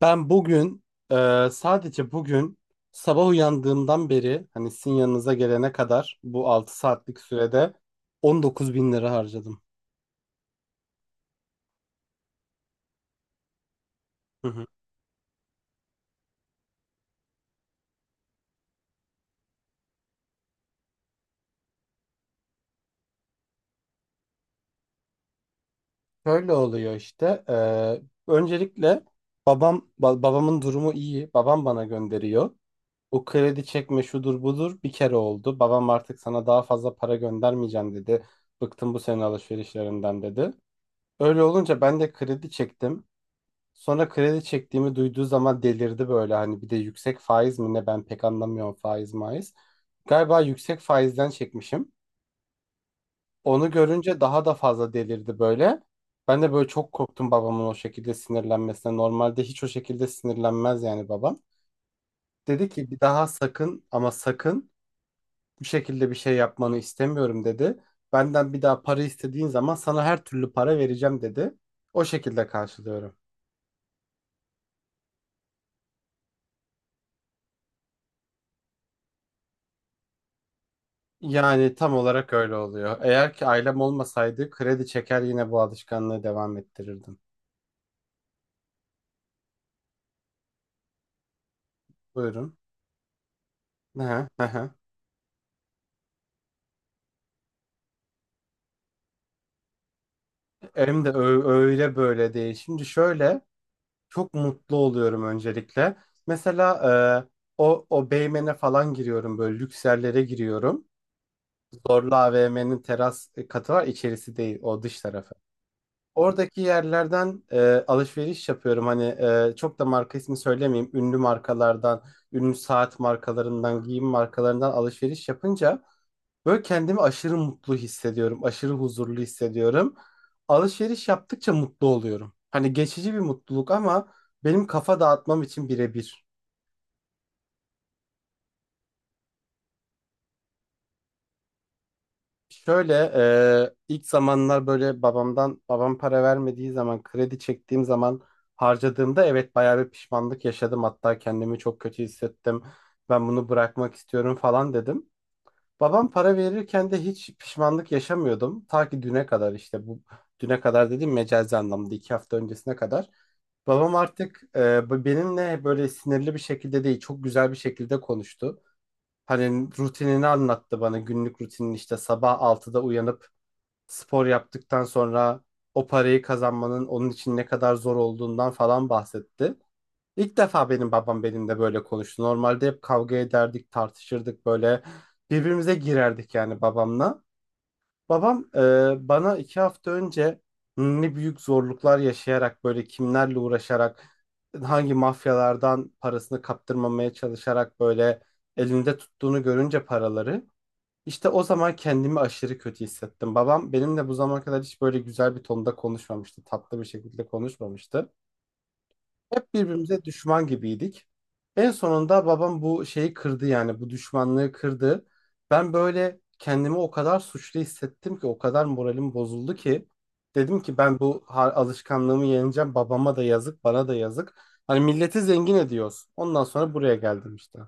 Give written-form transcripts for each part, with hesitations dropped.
Ben bugün sadece bugün sabah uyandığımdan beri hani sizin yanınıza gelene kadar bu 6 saatlik sürede 19 bin lira harcadım. Hı hı. Şöyle oluyor işte. Öncelikle babam babamın durumu iyi. Babam bana gönderiyor. O kredi çekme şudur budur bir kere oldu. Babam artık sana daha fazla para göndermeyeceğim dedi. Bıktım bu senin alışverişlerinden dedi. Öyle olunca ben de kredi çektim. Sonra kredi çektiğimi duyduğu zaman delirdi böyle, hani bir de yüksek faiz mi ne, ben pek anlamıyorum faiz maiz. Galiba yüksek faizden çekmişim. Onu görünce daha da fazla delirdi böyle. Ben de böyle çok korktum babamın o şekilde sinirlenmesine. Normalde hiç o şekilde sinirlenmez yani babam. Dedi ki bir daha sakın, ama sakın bu şekilde bir şey yapmanı istemiyorum dedi. Benden bir daha para istediğin zaman sana her türlü para vereceğim dedi. O şekilde karşılıyorum. Yani tam olarak öyle oluyor. Eğer ki ailem olmasaydı kredi çeker yine bu alışkanlığı devam ettirirdim. Buyurun. Aha, aha. Hem de öyle böyle değil. Şimdi şöyle, çok mutlu oluyorum öncelikle. Mesela e, o Beymen'e falan giriyorum, böyle lüks yerlere giriyorum. Zorlu AVM'nin teras katı var, içerisi değil o dış tarafı. Oradaki yerlerden alışveriş yapıyorum. Hani çok da marka ismi söylemeyeyim. Ünlü markalardan, ünlü saat markalarından, giyim markalarından alışveriş yapınca böyle kendimi aşırı mutlu hissediyorum. Aşırı huzurlu hissediyorum. Alışveriş yaptıkça mutlu oluyorum. Hani geçici bir mutluluk ama benim kafa dağıtmam için birebir. Şöyle, ilk zamanlar, böyle babamdan, babam para vermediği zaman, kredi çektiğim zaman harcadığımda evet bayağı bir pişmanlık yaşadım. Hatta kendimi çok kötü hissettim. Ben bunu bırakmak istiyorum falan dedim. Babam para verirken de hiç pişmanlık yaşamıyordum. Ta ki düne kadar, işte bu düne kadar dedim, mecazi anlamda 2 hafta öncesine kadar. Babam artık benimle böyle sinirli bir şekilde değil, çok güzel bir şekilde konuştu. Hani rutinini anlattı bana, günlük rutinin işte sabah 6'da uyanıp spor yaptıktan sonra o parayı kazanmanın onun için ne kadar zor olduğundan falan bahsetti. İlk defa benim babam benimle böyle konuştu. Normalde hep kavga ederdik, tartışırdık, böyle birbirimize girerdik yani babamla. Babam bana 2 hafta önce ne büyük zorluklar yaşayarak, böyle kimlerle uğraşarak, hangi mafyalardan parasını kaptırmamaya çalışarak böyle elinde tuttuğunu görünce paraları, işte o zaman kendimi aşırı kötü hissettim. Babam benimle bu zamana kadar hiç böyle güzel bir tonda konuşmamıştı. Tatlı bir şekilde konuşmamıştı. Hep birbirimize düşman gibiydik. En sonunda babam bu şeyi kırdı, yani bu düşmanlığı kırdı. Ben böyle kendimi o kadar suçlu hissettim ki, o kadar moralim bozuldu ki dedim ki ben bu alışkanlığımı yeneceğim. Babama da yazık, bana da yazık. Hani milleti zengin ediyoruz. Ondan sonra buraya geldim işte.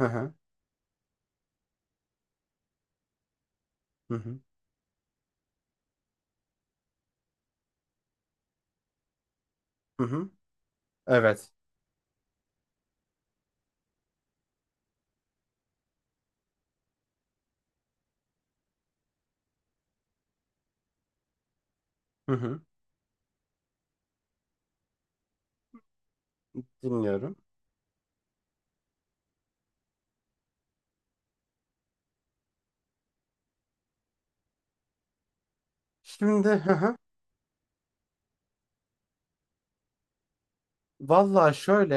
Hı hı. Hı hı. Hı hı. Evet. Hı hı. Dinliyorum. Şimdi, hı hı. Vallahi şöyle,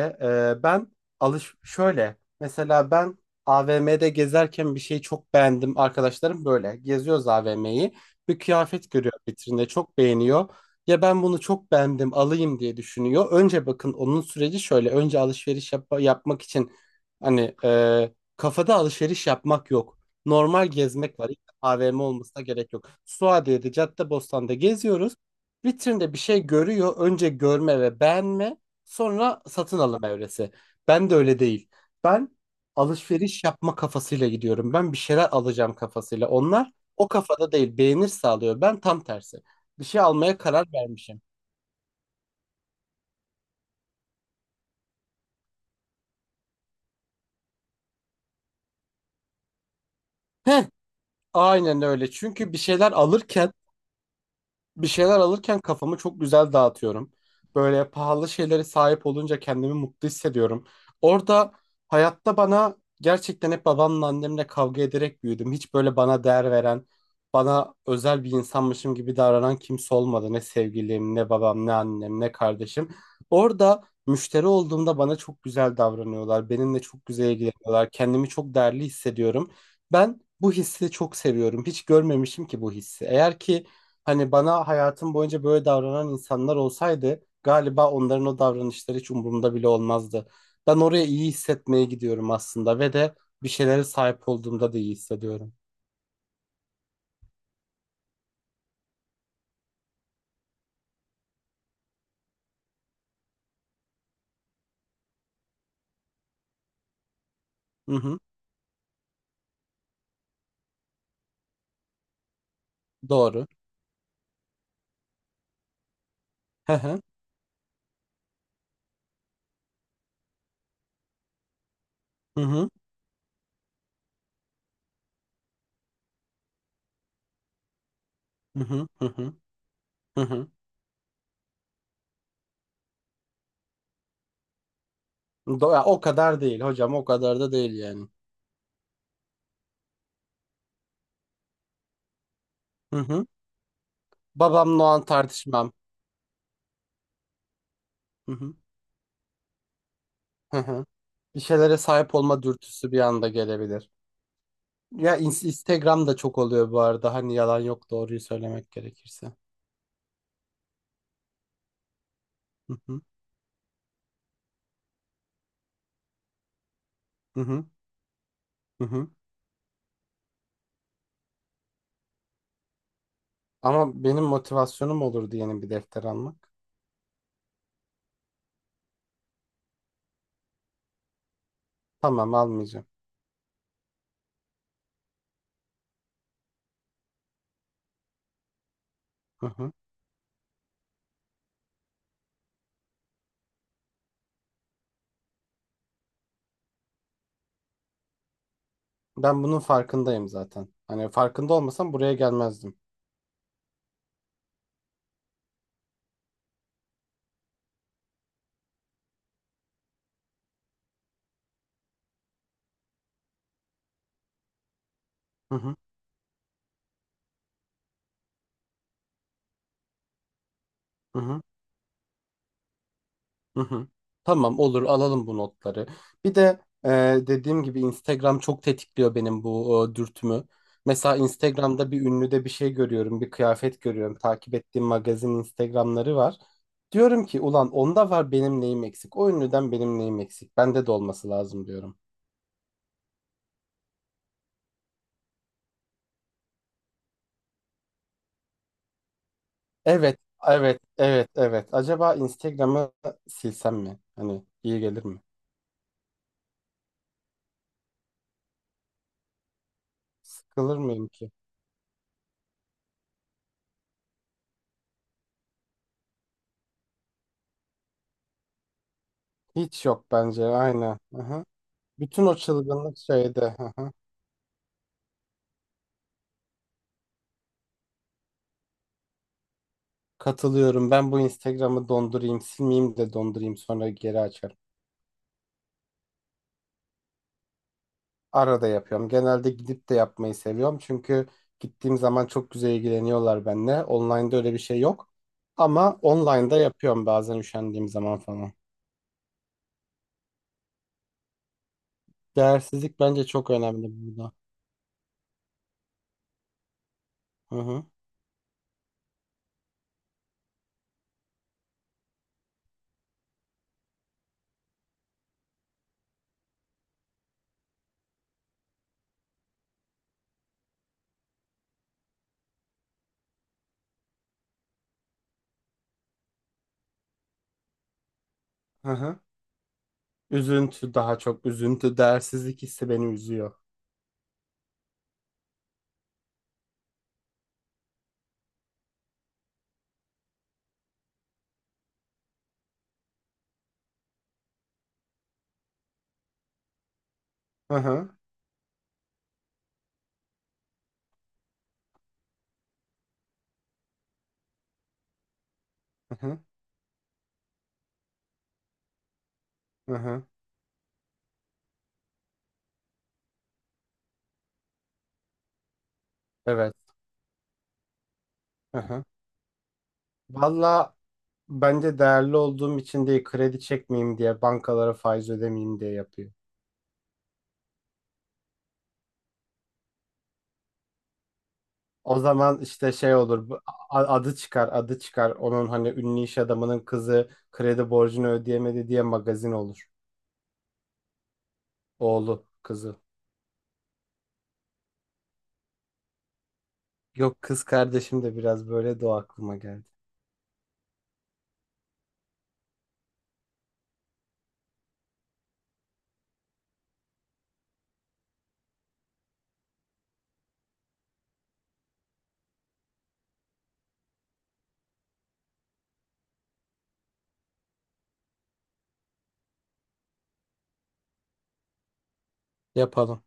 ben şöyle, mesela ben AVM'de gezerken bir şeyi çok beğendim, arkadaşlarım, böyle geziyoruz AVM'yi, bir kıyafet görüyor vitrinde, çok beğeniyor, ya ben bunu çok beğendim alayım diye düşünüyor. Önce, bakın, onun süreci şöyle: önce alışveriş yapmak için, hani kafada alışveriş yapmak yok, normal gezmek var. Hiç AVM olmasına gerek yok, Suadiye'de, Caddebostan'da geziyoruz, vitrinde bir şey görüyor, önce görme ve beğenme. Sonra satın alım evresi. Ben de öyle değil. Ben alışveriş yapma kafasıyla gidiyorum. Ben bir şeyler alacağım kafasıyla. Onlar o kafada değil. Beğenir sağlıyor. Ben tam tersi. Bir şey almaya karar vermişim. Heh, aynen öyle. Çünkü bir şeyler alırken kafamı çok güzel dağıtıyorum. Böyle pahalı şeylere sahip olunca kendimi mutlu hissediyorum. Orada, hayatta bana, gerçekten hep babamla annemle kavga ederek büyüdüm. Hiç böyle bana değer veren, bana özel bir insanmışım gibi davranan kimse olmadı. Ne sevgilim, ne babam, ne annem, ne kardeşim. Orada müşteri olduğumda bana çok güzel davranıyorlar. Benimle çok güzel ilgileniyorlar. Kendimi çok değerli hissediyorum. Ben bu hissi çok seviyorum. Hiç görmemişim ki bu hissi. Eğer ki, hani bana hayatım boyunca böyle davranan insanlar olsaydı galiba onların o davranışları hiç umurumda bile olmazdı. Ben oraya iyi hissetmeye gidiyorum aslında, ve de bir şeylere sahip olduğumda da iyi hissediyorum. Hı hı, doğru. Hı hı, hı hı, hı hı, hı hı. Hı hı. Ya, o kadar değil hocam, o kadar da değil yani. Hı hı. Babamla o an tartışmam. Hı hı, hı hı. Bir şeylere sahip olma dürtüsü bir anda gelebilir. Ya, Instagram'da çok oluyor bu arada. Hani yalan yok, doğruyu söylemek gerekirse. Hı hı. Hı hı, hı hı. Ama benim motivasyonum olurdu yeni bir defter almak. Tamam, almayacağım. Hı hı. Ben bunun farkındayım zaten. Hani farkında olmasam buraya gelmezdim. Hı hı, hı hı, hı hı. Tamam, olur, alalım bu notları. Bir de dediğim gibi Instagram çok tetikliyor benim bu dürtümü. Mesela Instagram'da bir ünlüde bir şey görüyorum, bir kıyafet görüyorum. Takip ettiğim magazin Instagram'ları var. Diyorum ki ulan onda var, benim neyim eksik? O ünlüden benim neyim eksik? Bende de olması lazım diyorum. Evet, evet, evet, evet. Acaba Instagram'ı silsem mi? Hani iyi gelir mi? Sıkılır mıyım ki? Hiç yok bence. Aynen. Aha. Bütün o çılgınlık şeyde. Aha. Katılıyorum. Ben bu Instagram'ı dondurayım, silmeyeyim de dondurayım, sonra geri açarım. Arada yapıyorum. Genelde gidip de yapmayı seviyorum. Çünkü gittiğim zaman çok güzel ilgileniyorlar benimle. Online'da öyle bir şey yok. Ama online'da yapıyorum bazen, üşendiğim zaman falan. Değersizlik bence çok önemli burada. Hı hı. Hı hı. Üzüntü, daha çok üzüntü, değersizlik hissi beni üzüyor. Hı hı, hı hı, hı hı. Evet. Hı hı. Valla bence değerli olduğum için değil, kredi çekmeyeyim diye, bankalara faiz ödemeyeyim diye yapıyor. O zaman işte şey olur adı çıkar, onun hani, ünlü iş adamının kızı kredi borcunu ödeyemedi diye magazin olur. Oğlu kızı. Yok, kız kardeşim de biraz böyle, de o aklıma geldi. Yapalım.